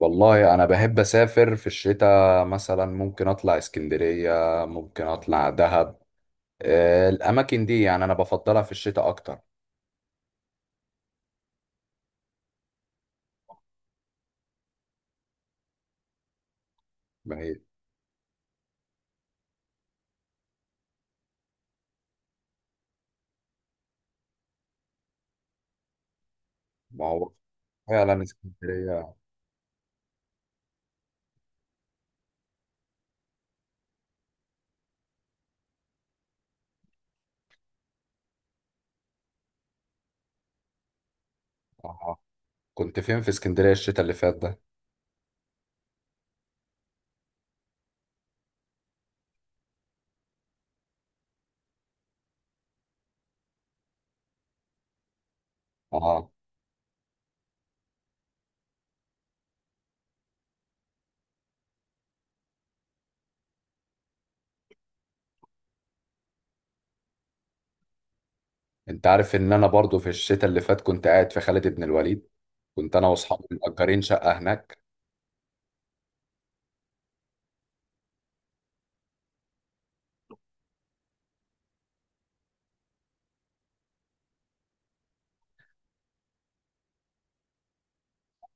والله انا بحب اسافر في الشتاء، مثلا ممكن اطلع اسكندرية، ممكن اطلع دهب. الاماكن دي يعني انا بفضلها في الشتاء اكتر. ما هي ما هو فعلا اسكندرية. آه. كنت فين في اسكندرية الشتاء اللي فات ده؟ اه، انت عارف ان انا برضو في الشتاء اللي فات كنت قاعد في خالد بن الوليد، كنت انا واصحابي مأجرين شقة هناك.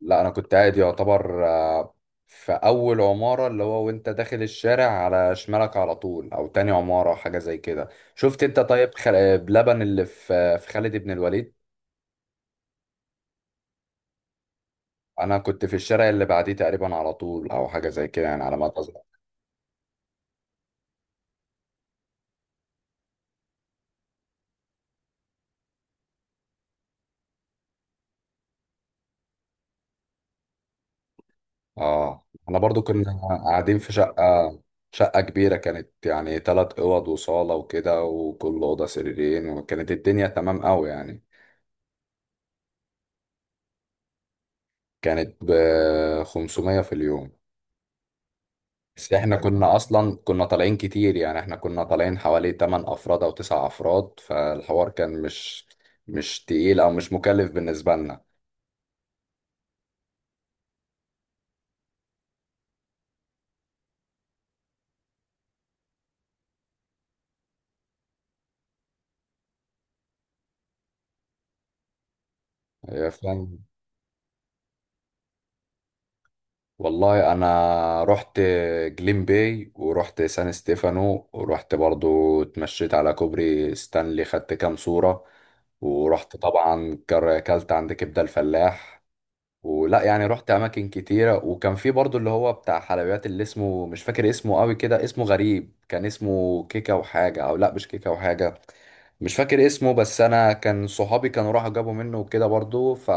لا انا كنت قاعد يعتبر، في اول عمارة، اللي هو وانت داخل الشارع على شمالك على طول، او تاني عمارة، حاجة زي كده. شفت انت طيب بلبن اللي في خالد بن الوليد؟ انا كنت في الشارع اللي بعديه تقريبا على طول، او حاجة زي كده يعني، على ما اتذكر. اه انا برضو كنا قاعدين في شقة، شقة كبيرة كانت يعني، تلات اوض وصالة وكده، وكل اوضة سريرين، وكانت الدنيا تمام قوي يعني. كانت ب 500 في اليوم، بس احنا كنا اصلا كنا طالعين كتير، يعني احنا كنا طالعين حوالي 8 افراد او 9 افراد، فالحوار كان مش تقيل او مش مكلف بالنسبة لنا. يا فاهم. والله انا رحت جليم باي، ورحت سان ستيفانو، ورحت برضو اتمشيت على كوبري ستانلي، خدت كام صورة. ورحت طبعا اكلت عند كبدة الفلاح. ولا يعني رحت اماكن كتيره، وكان في برضو اللي هو بتاع حلويات، اللي اسمه مش فاكر اسمه قوي، كده اسمه غريب، كان اسمه كيكه وحاجه، او لا مش كيكه وحاجه، مش فاكر اسمه. بس انا كان صحابي كانوا راحوا جابوا منه وكده برضو، ف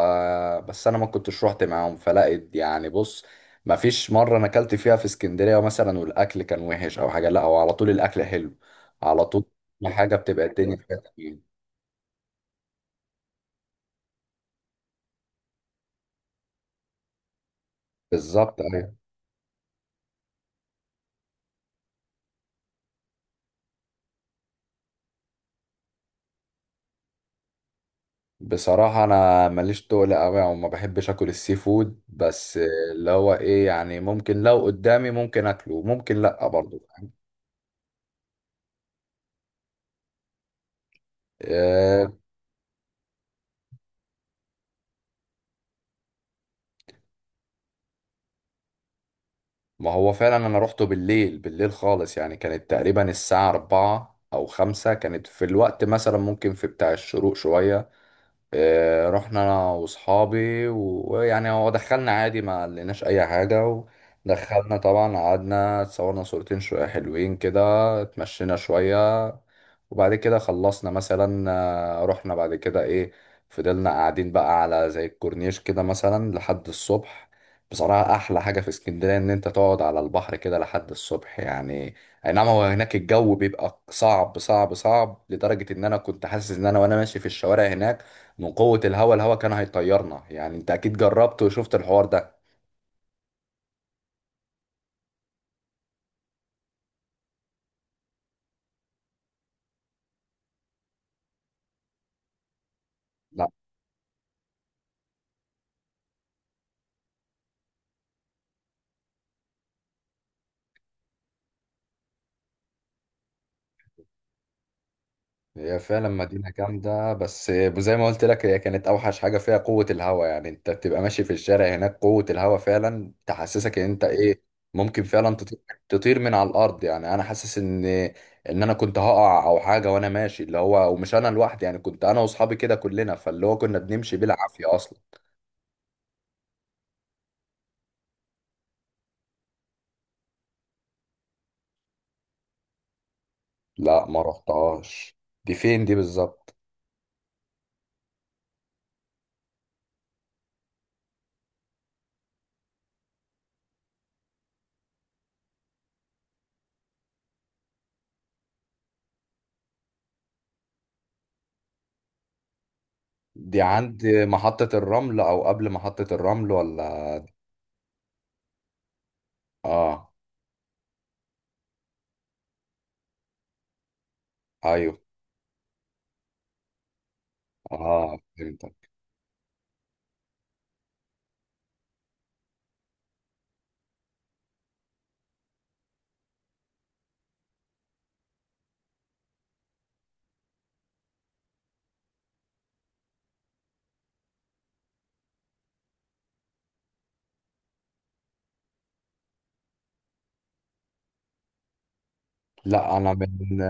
بس انا ما كنتش رحت معاهم، فلقيت يعني بص، ما فيش مره انا اكلت فيها في اسكندريه مثلا والاكل كان وحش او حاجه، لا هو على طول الاكل حلو، على طول حاجه بتبقى الدنيا فيها تمام. بالظبط أيوه. بصراحة أنا ماليش تقل أوي وما بحبش أكل السي فود، بس اللي هو إيه يعني، ممكن لو قدامي ممكن أكله، ممكن لأ، برضه فاهم. آه، ما هو فعلا أنا روحته بالليل، بالليل خالص يعني، كانت تقريبا الساعة أربعة أو خمسة، كانت في الوقت مثلا ممكن في بتاع الشروق شوية. رحنا انا واصحابي ويعني هو دخلنا عادي، ما لقيناش اي حاجه. ودخلنا طبعا، قعدنا اتصورنا صورتين شويه حلوين كده، اتمشينا شويه، وبعد كده خلصنا مثلا، رحنا بعد كده ايه، فضلنا قاعدين بقى على زي الكورنيش كده مثلا لحد الصبح. بصراحة أحلى حاجة في اسكندرية إن أنت تقعد على البحر كده لحد الصبح يعني. أي نعم، هو هناك الجو بيبقى صعب صعب صعب، لدرجة إن أنا كنت حاسس إن أنا وأنا ماشي في الشوارع هناك من قوة الهوا، الهوا كان هيطيرنا يعني، انت اكيد جربت وشفت الحوار ده. لا هي فعلا مدينة جامدة، بس زي ما قلت لك، هي كانت اوحش حاجة فيها قوة الهوا، يعني انت بتبقى ماشي في الشارع هناك، قوة الهوا فعلا تحسسك ان انت ايه، ممكن فعلا تطير، تطير من على الارض، يعني انا حاسس ان انا كنت هقع او حاجة وانا ماشي، اللي هو، ومش انا لوحدي يعني، كنت انا واصحابي كده كلنا، فاللي هو كنا بنمشي بالعافية اصلا. لا ما رحتهاش، دي فين دي بالظبط؟ دي عند محطة الرمل أو قبل محطة الرمل ولا؟ آه، أيوه. آه فهمتك. لا أنا من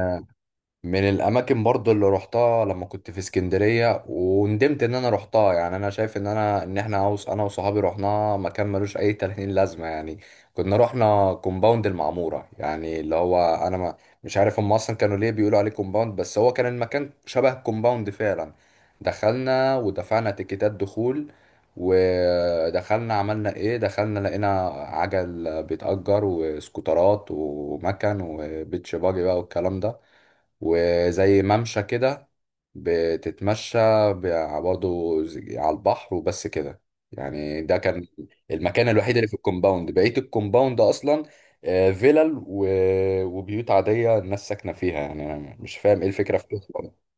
من الاماكن برضو اللي روحتها لما كنت في اسكندريه وندمت ان انا روحتها، يعني انا شايف ان انا ان احنا عاوز، انا وصحابي روحناها مكان ملوش اي 30 لازمه يعني. كنا روحنا كومباوند المعموره، يعني اللي هو انا ما مش عارف هم اصلا كانوا ليه بيقولوا عليه كومباوند، بس هو كان المكان شبه كومباوند فعلا. دخلنا ودفعنا تيكيتات دخول، ودخلنا عملنا ايه، دخلنا لقينا عجل بيتأجر وسكوترات ومكن وبيتش باجي بقى والكلام ده، وزي ممشى كده بتتمشى برضه على البحر، وبس كده يعني. ده كان المكان الوحيد اللي في الكومباوند، بقية الكومباوند أصلا فيلل وبيوت عادية الناس ساكنة فيها، يعني أنا مش فاهم إيه الفكرة في كده برضه.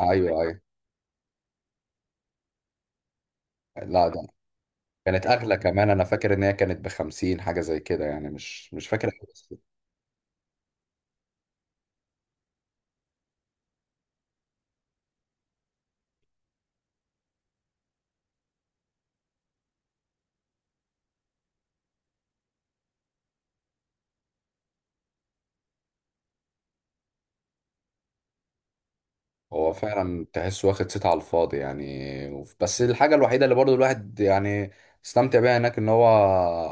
أيوه أيوه، لا ده كانت أغلى كمان، أنا فاكر إن هي كانت بخمسين حاجة زي كده يعني، مش فاكر. هو فعلا تحس واخد صيت على الفاضي يعني. بس الحاجة الوحيدة اللي برضو الواحد يعني استمتع بيها هناك ان هو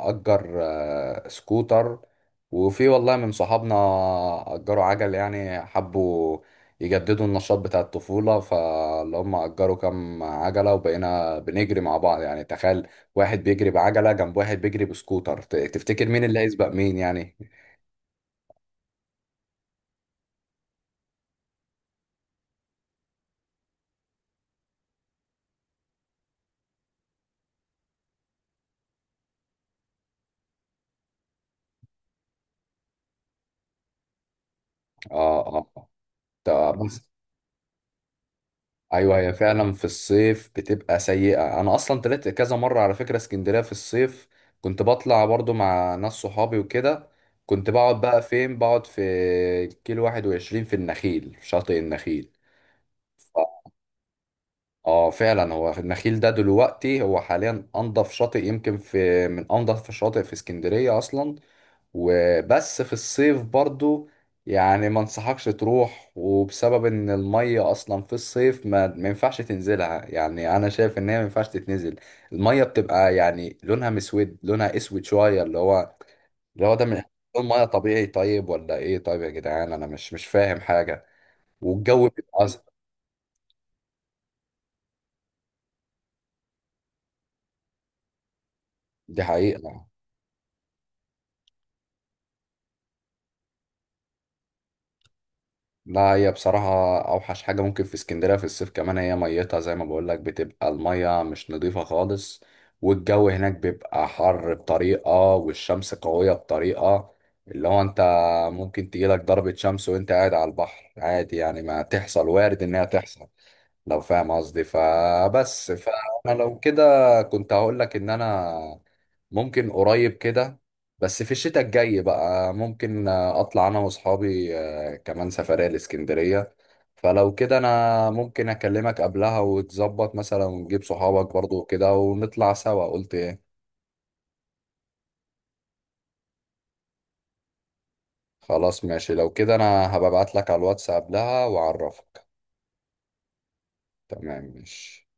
أجر سكوتر، وفي والله من صحابنا أجروا عجل، يعني حبوا يجددوا النشاط بتاع الطفولة، فاللي هم أجروا كام عجلة، وبقينا بنجري مع بعض، يعني تخيل، واحد بيجري بعجلة جنب واحد بيجري بسكوتر، تفتكر مين اللي هيسبق مين يعني. اه. اه. طب. ايوه هي فعلا في الصيف بتبقى سيئة، انا اصلا طلعت كذا مرة على فكرة اسكندرية في الصيف، كنت بطلع برضو مع ناس صحابي وكده، كنت بقعد بقى فين، بقعد في كيلو 21، في النخيل، في شاطئ النخيل. ف- اه فعلا هو النخيل ده دلوقتي هو حاليا انضف شاطئ، يمكن في من انضف الشاطئ في اسكندرية اصلا. وبس في الصيف برضو يعني ما انصحكش تروح، وبسبب ان المية اصلا في الصيف ما ينفعش تنزلها، يعني انا شايف ان هي ما ينفعش تتنزل، المية بتبقى يعني لونها مسود، لونها اسود شوية، اللي هو اللي هو ده من لون مية طبيعي طيب ولا ايه؟ طيب يا جدعان انا مش فاهم حاجة، والجو بيبقى أزرق. دي حقيقة. لا هي بصراحة أوحش حاجة ممكن في اسكندرية في الصيف، كمان هي ميتها زي ما بقولك بتبقى المية مش نظيفة خالص، والجو هناك بيبقى حر بطريقة، والشمس قوية بطريقة، اللي هو أنت ممكن تجيلك ضربة شمس وأنت قاعد على البحر عادي يعني، ما تحصل، وارد إنها تحصل. لو فاهم قصدي، فبس فانا لو كده كنت هقول لك ان انا ممكن قريب كده، بس في الشتاء الجاي بقى ممكن اطلع انا واصحابي كمان سفرية الاسكندرية، فلو كده انا ممكن اكلمك قبلها وتظبط مثلا، ونجيب صحابك برضو كده ونطلع سوا، قلت ايه؟ خلاص ماشي، لو كده انا هبعت لك على الواتس قبلها واعرفك. تمام ماشي.